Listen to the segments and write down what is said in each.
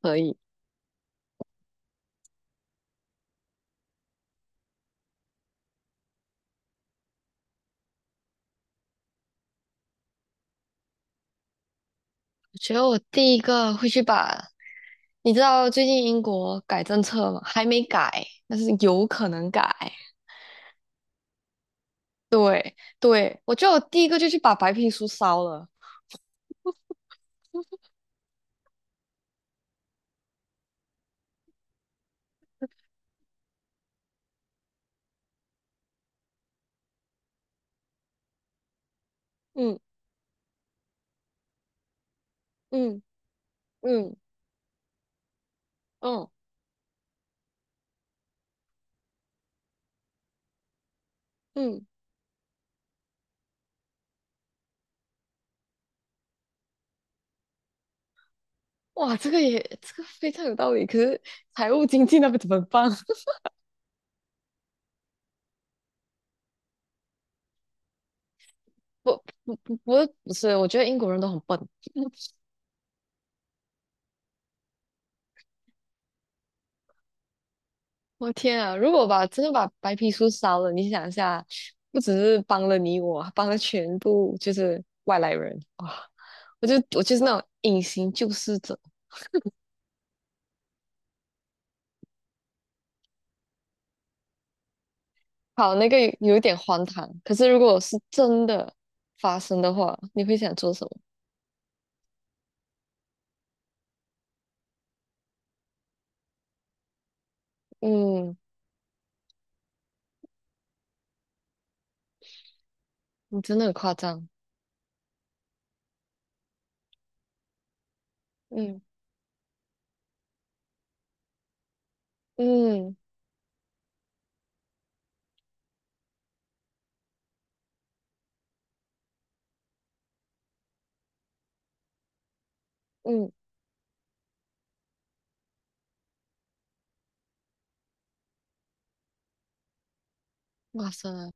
可以。我觉得我第一个会去把，你知道最近英国改政策吗？还没改，但是有可能改。对，我觉得我第一个就去把白皮书烧了。嗯嗯嗯嗯，嗯，哇，这个也这个非常有道理。可是财务经济那边怎么办？不不是，我觉得英国人都很笨。我天啊！如果把真的把白皮书烧了，你想一下，不只是帮了你我，帮了全部就是外来人哇！我就是那种隐形救世者。好，那个有一点荒唐，可是如果是真的发生的话，你会想做什么？嗯，你真的很夸张。嗯嗯嗯，哇塞，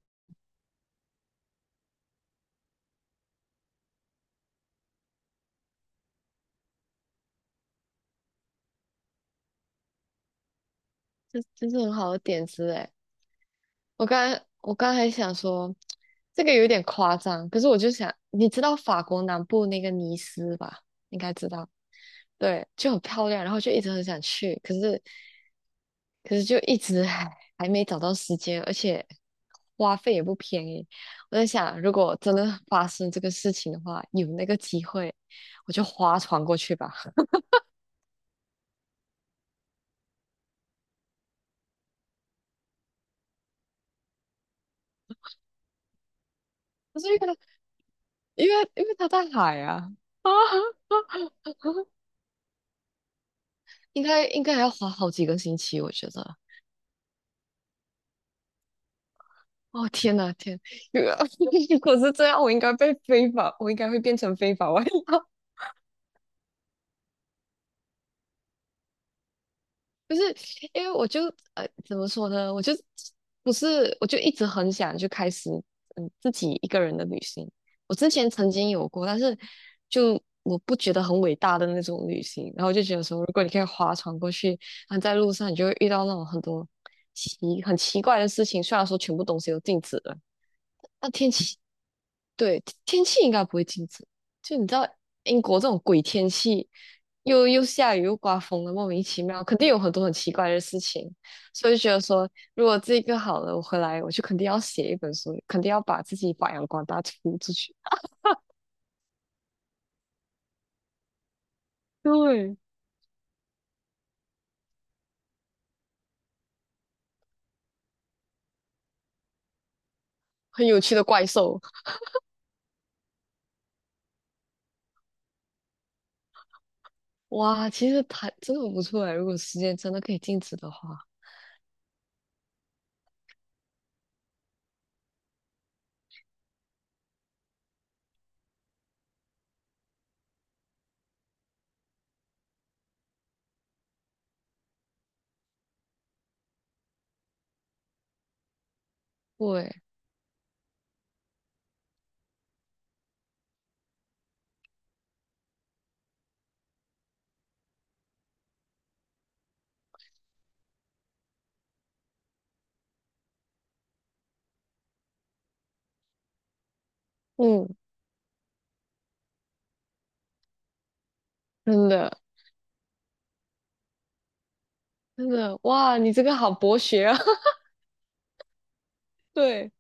这是很好的点子哎。我刚才想说，这个有点夸张，可是我就想，你知道法国南部那个尼斯吧？应该知道，对，就很漂亮，然后就一直很想去，可是就一直 还没找到时间，而且花费也不便宜。我在想，如果真的发生这个事情的话，有那个机会，我就划船过去吧。可是因为它在海啊，应该还要划好几个星期，我觉得。哦天呐，如果是这样，我应该会变成非法外劳。不是，因为我就怎么说呢，我就不是，我就一直很想就开始自己一个人的旅行。我之前曾经有过，但是就我不觉得很伟大的那种旅行。然后就觉得说，如果你可以划船过去，然后在路上你就会遇到那种很多奇很奇怪的事情，虽然说全部东西都禁止了。那天气，对，天气应该不会禁止。就你知道，英国这种鬼天气，又下雨又刮风的，莫名其妙，肯定有很多很奇怪的事情。所以就觉得说，如果这个好了，我回来我就肯定要写一本书，肯定要把自己发扬光大出去。对，很有趣的怪兽，哇，其实它真的不错哎。如果时间真的可以静止的话，对，嗯，真的真的，哇，你这个好博学啊。对，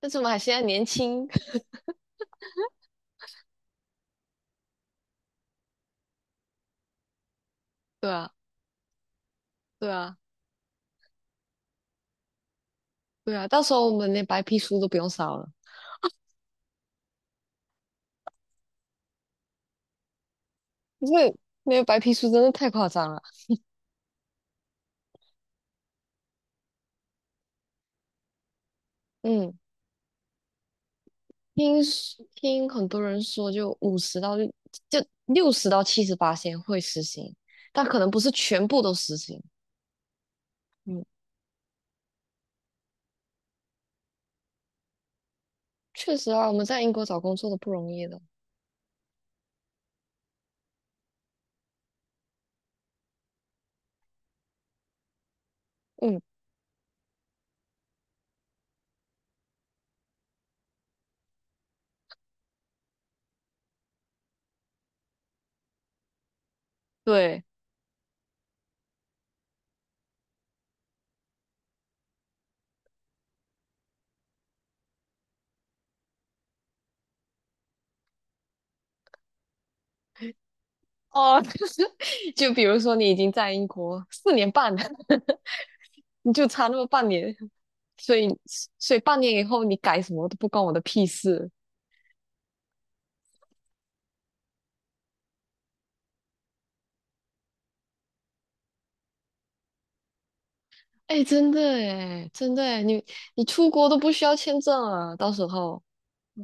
但是我们还现在年轻。对啊。对啊，对啊，到时候我们连白皮书都不用烧了，因为没有白皮书真的太夸张了。嗯，听很多人说，就60到78先会实行，但可能不是全部都实行。嗯，确实啊，我们在英国找工作都不容易的。嗯，对。哦，就比如说你已经在英国4年半了，你就差那么半年，所以所以半年以后你改什么都不关我的屁事。哎，真的哎，真的哎，你出国都不需要签证啊，到时候。嗯，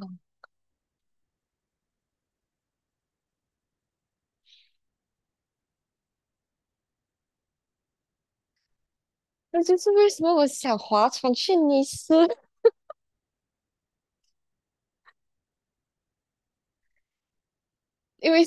那就是为什么我想划船去尼斯，因为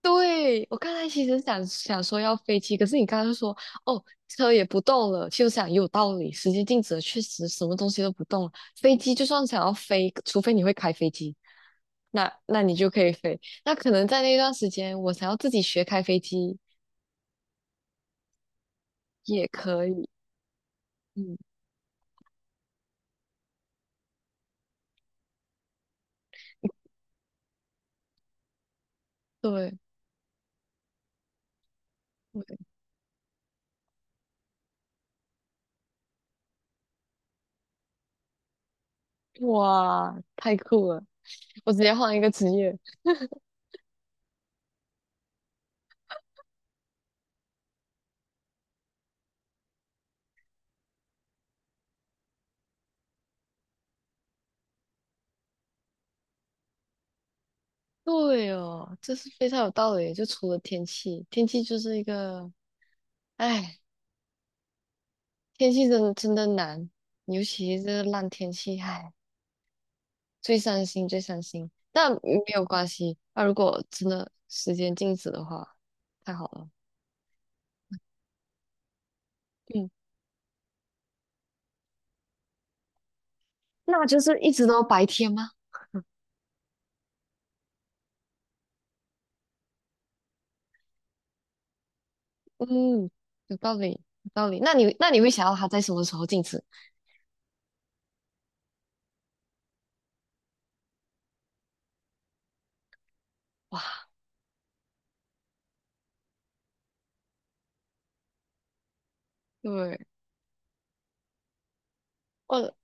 对我刚才其实想想说要飞机，可是你刚刚说哦车也不动了，其实我想也有道理，时间静止了，确实什么东西都不动了。飞机就算想要飞，除非你会开飞机，那你就可以飞。那可能在那段时间，我想要自己学开飞机也可以。嗯，对对哇，太酷了！我直接换一个职业。对哦，这是非常有道理的就除了天气，天气就是一个，哎，天气真的真的难，尤其是这个烂天气，哎，最伤心最伤心。但没有关系，那如果真的时间静止的话，太好了。嗯，那就是一直都白天吗？嗯，有道理，有道理。那你会想要它在什么时候静止？哇，对，我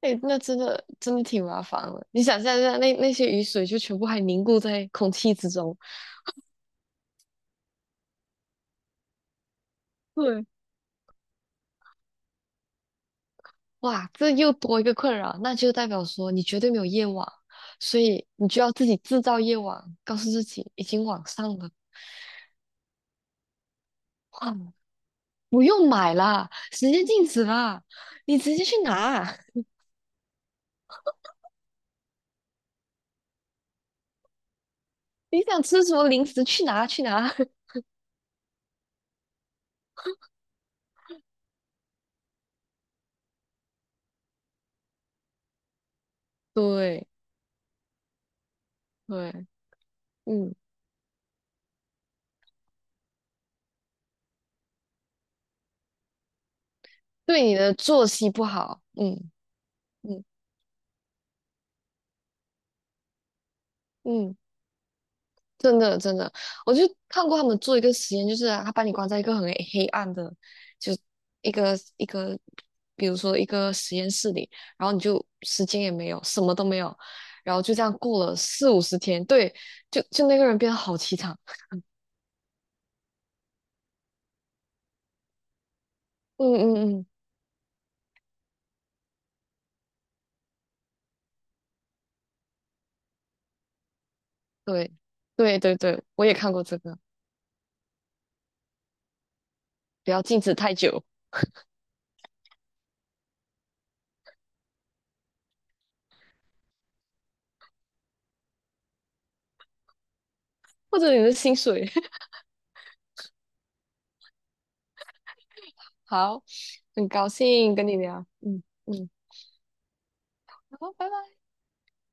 哎、那真的真的挺麻烦的。你想象一下，那些雨水就全部还凝固在空气之中，对，哇，这又多一个困扰，那就代表说你绝对没有夜晚，所以你就要自己制造夜晚，告诉自己已经晚上了，哇，不用买啦，时间静止啦，你直接去拿，你想吃什么零食去拿去拿。对对，嗯，对你的作息不好，嗯嗯嗯。真的真的，我就看过他们做一个实验，就是啊他把你关在一个很黑暗的，就一个一个，比如说一个实验室里，然后你就时间也没有，什么都没有，然后就这样过了四五十天，对，就那个人变得好凄惨。嗯嗯嗯，对对对对，我也看过这个，不要静止太久，或者你的薪水。好，很高兴跟你聊，嗯嗯，好，拜拜。